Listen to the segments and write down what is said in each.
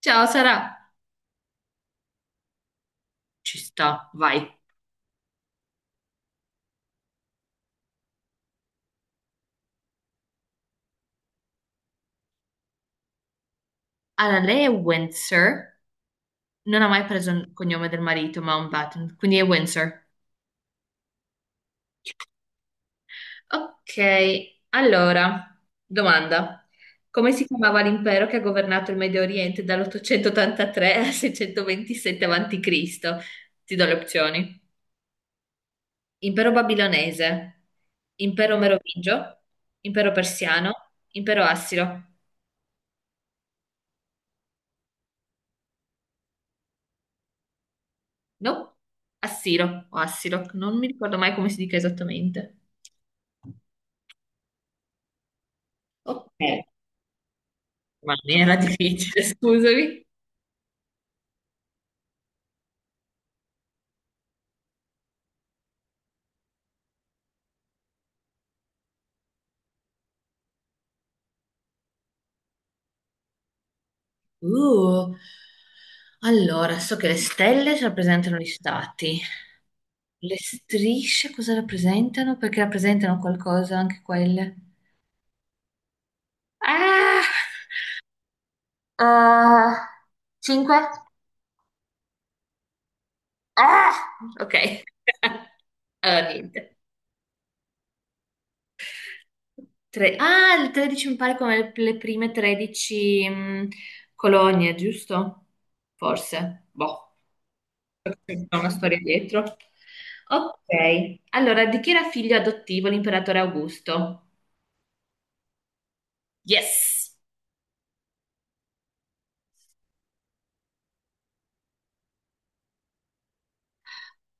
Ciao Sara, ci sta, vai. Allora, lei è Windsor, non ha mai preso il cognome del marito Mountbatten, quindi è Windsor. Ok, allora, domanda. Come si chiamava l'impero che ha governato il Medio Oriente dall'883 al 627 a.C.? Ti do le opzioni. Impero babilonese, impero merovingio, impero persiano, impero assiro. No, assiro o assiro, non mi ricordo mai come si dica esattamente. Ok, ma mi era difficile, scusami. Uh, Allora, so che le stelle rappresentano gli stati. Le strisce cosa rappresentano? Perché rappresentano qualcosa anche quelle. Ah! Ah, cinque? Ah! Ok. Allora, niente. Tre. Ah, il 13 mi pare come le prime 13 colonie, giusto? Forse. Boh. C'è una storia dietro. Ok, allora di chi era figlio adottivo l'imperatore Augusto? Yes!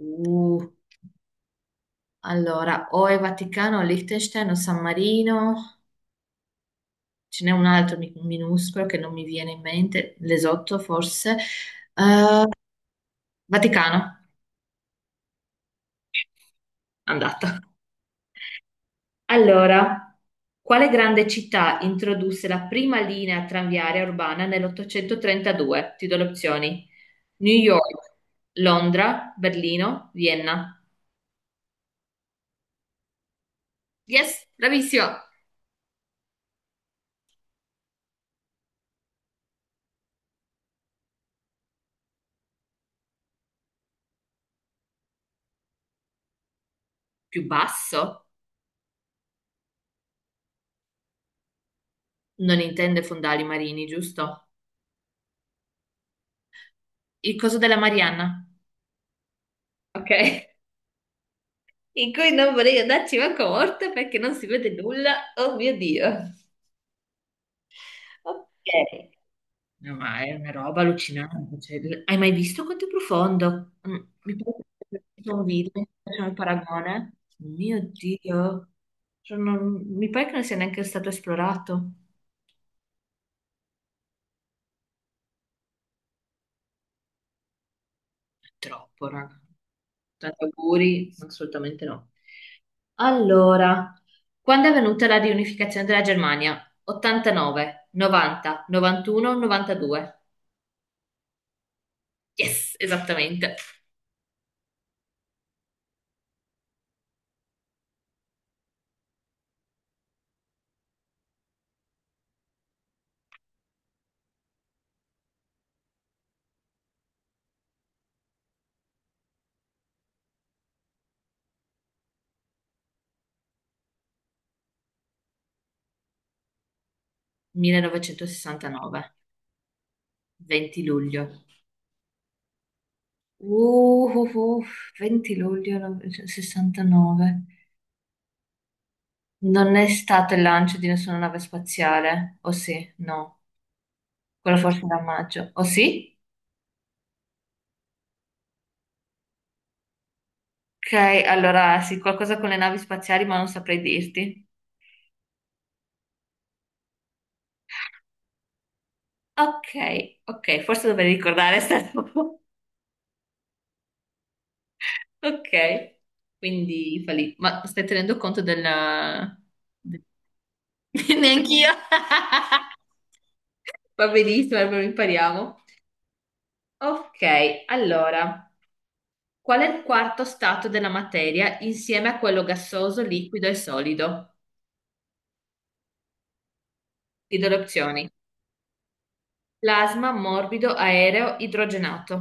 Uh, allora, o è Vaticano, o Liechtenstein, o San Marino, ce n'è un altro minuscolo che non mi viene in mente, l'esotto forse. Eh, Vaticano, andata. Allora, quale grande città introdusse la prima linea tranviaria urbana nell'832? Ti do le opzioni. New York, Londra, Berlino, Vienna. Yes, bravissima. Più basso? Non intende fondali marini, giusto? Il coso della Marianna. Ok. In cui non vorrei andarci manco morta perché non si vede nulla. Oh mio Dio. Ok. No, ma è una roba allucinante. Cioè, hai mai visto quanto è profondo? Mi pare che sia un video, facciamo il paragone. Oh mio Dio. Cioè, mi pare che non sia neanche stato esplorato. Troppo, raga. Tanti auguri. No, assolutamente no. Allora, quando è avvenuta la riunificazione della Germania? 89, 90, 91, 92. Yes, esattamente. 1969, 20 luglio. Uh, uh, uh, 20 luglio 1969. Non è stato il lancio di nessuna nave spaziale, o sì? No. Quello forse era a maggio. O sì? Ok, allora sì, qualcosa con le navi spaziali, ma non saprei dirti. Ok, ok, forse dovrei ricordare sta roba. Ok, quindi fa lì. Ma stai tenendo conto della... de- Neanch'io. Va benissimo, allora impariamo. Ok, allora, qual è il quarto stato della materia insieme a quello gassoso, liquido e solido? Ti do le opzioni. Plasma, morbido, aereo, idrogenato.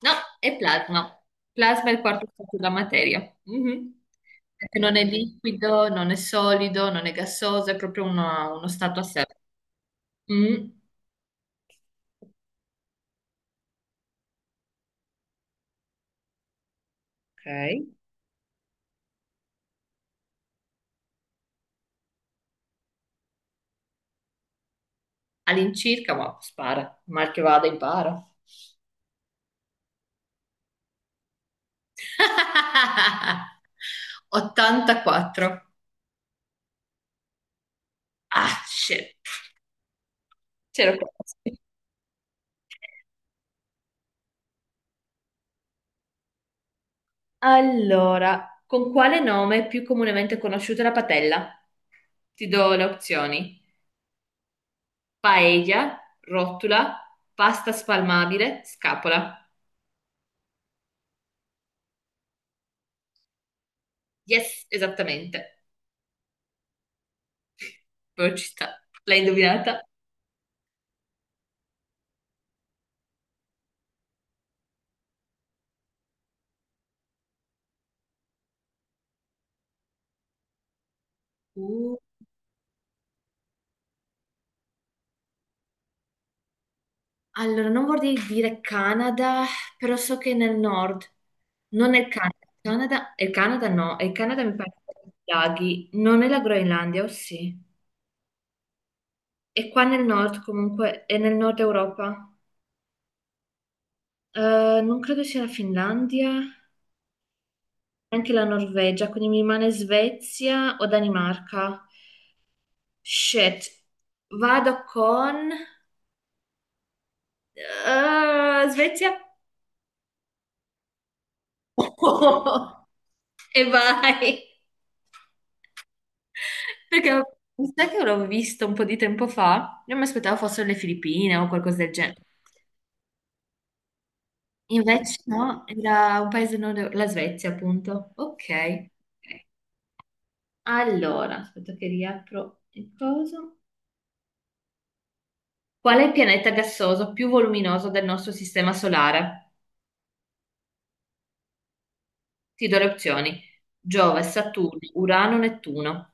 No, è plasma. Plasma è il quarto stato della materia. Mhm. Perché non è liquido, non è solido, non è gassoso, è proprio uno stato a sé. Mm. Ok. All'incirca, ma spara, mal che vada, impara. 84. Ah, shit. C'ero quasi. Allora, con quale nome è più comunemente conosciuta la patella? Ti do le opzioni. Paella, rotula, pasta spalmabile, scapola. Yes, esattamente. Però ci sta. L'hai indovinata? Uh, allora, non vorrei dire Canada, però so che è nel nord. Non è il Canada. Canada, il Canada no, il Canada mi pare che sia i laghi. Non è la Groenlandia, o sì? È qua nel nord comunque, è nel nord Europa. Non credo sia la Finlandia, anche la Norvegia, quindi mi rimane Svezia o Danimarca. Shit, vado con Svezia e vai. Perché mi sa che l'ho visto un po' di tempo fa. Io mi aspettavo fossero le Filippine o qualcosa del genere. Invece no, era un paese nord, la Svezia, appunto. Ok. Ok. Allora, aspetta che riapro il coso. Qual è il pianeta gassoso più voluminoso del nostro sistema solare? Ti do le opzioni. Giove, Saturno, Urano, Nettuno.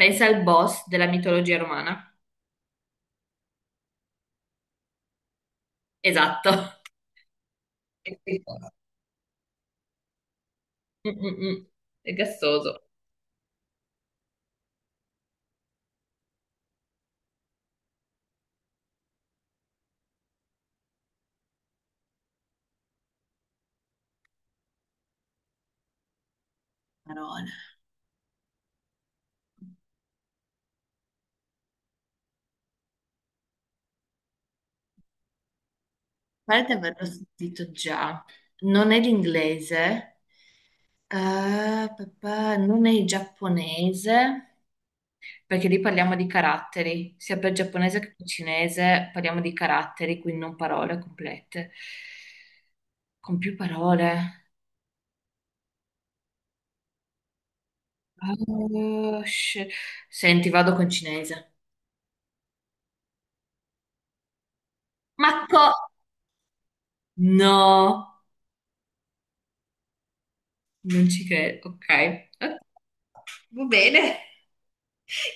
Pensa al boss della mitologia romana. Esatto. Mm-mm-mm. È gassoso. Parola. Pare di averlo sentito già. Non è l'inglese, papà, non è il giapponese, perché lì parliamo di caratteri, sia per giapponese che per cinese parliamo di caratteri, quindi non parole complete, con più parole. Oh, Senti, vado con cinese. Ma No! Non ci credo, ok. Ok, va bene.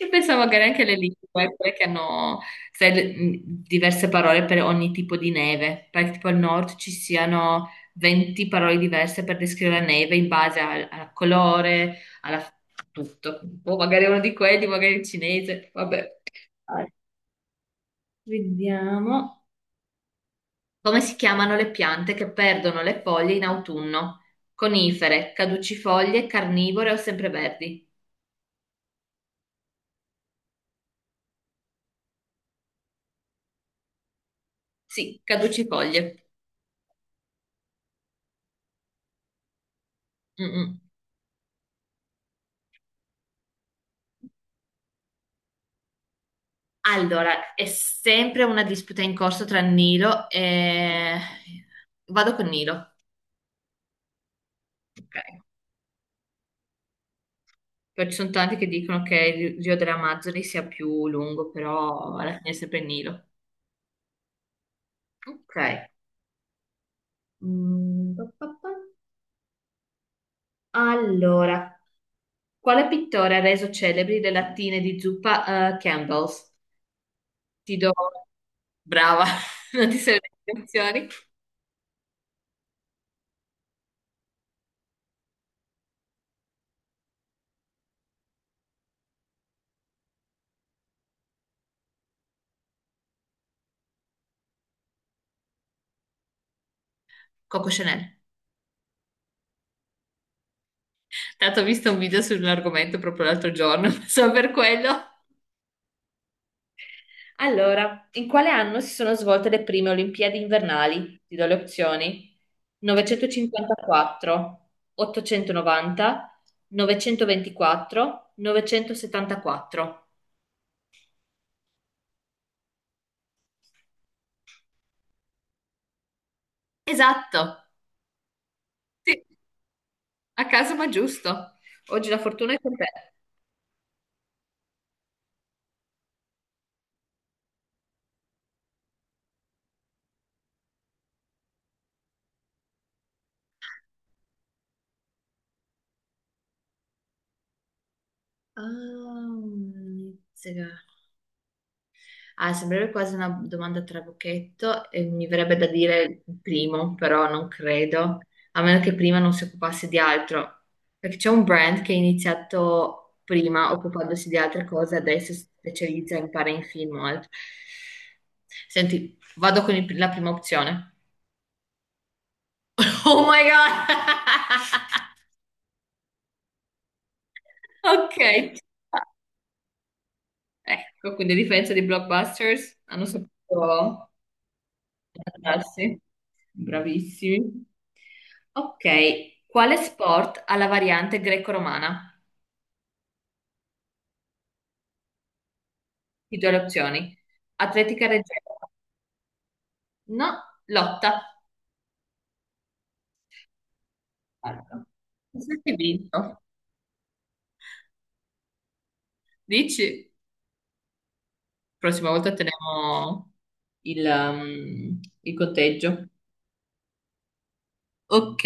Io pensavo magari anche le lingue, quelle che hanno sai, diverse parole per ogni tipo di neve, perché tipo al nord ci siano 20 parole diverse per descrivere la neve in base al colore, alla tutto. O magari uno di quelli, magari il cinese, vabbè. Allora, vediamo come si chiamano le piante che perdono le foglie in autunno. Conifere, caducifoglie, carnivore o sempreverdi? Sì, caducifoglie. Mm, mm. Allora, è sempre una disputa in corso tra Nilo e... Vado con Nilo. Ok. Poi ci sono tanti che dicono che il Rio delle Amazzoni sia più lungo, però alla fine è sempre Nilo. Ok. Mm, pa, pa, pa. Allora, quale pittore ha reso celebri le lattine di zuppa Campbell's? Ti do... Brava, non ti servono le istruzioni. Coco Chanel. Tanto ho visto un video sull'argomento proprio l'altro giorno, solo per quello. Allora, in quale anno si sono svolte le prime Olimpiadi invernali? Ti do le opzioni. 954, 890, 924, 974. Esatto, sì, a caso ma giusto. Oggi la fortuna è con te. Ah, mizzega. Ah, sembrerebbe quasi una domanda a trabocchetto e mi verrebbe da dire il primo, però non credo, a meno che prima non si occupasse di altro, perché c'è un brand che è iniziato prima occupandosi di altre cose, adesso si specializza in fare in film o altro. Senti, vado con la prima opzione. Oh my God! Ok. Ecco, quindi a differenza di Blockbusters, hanno saputo... Darsi. Bravissimi. Ok, quale sport ha la variante greco-romana? Ti do le opzioni. Atletica leggera. No, lotta. Allora, penso che hai vinto. Dici? Prossima volta teniamo il conteggio. Ok,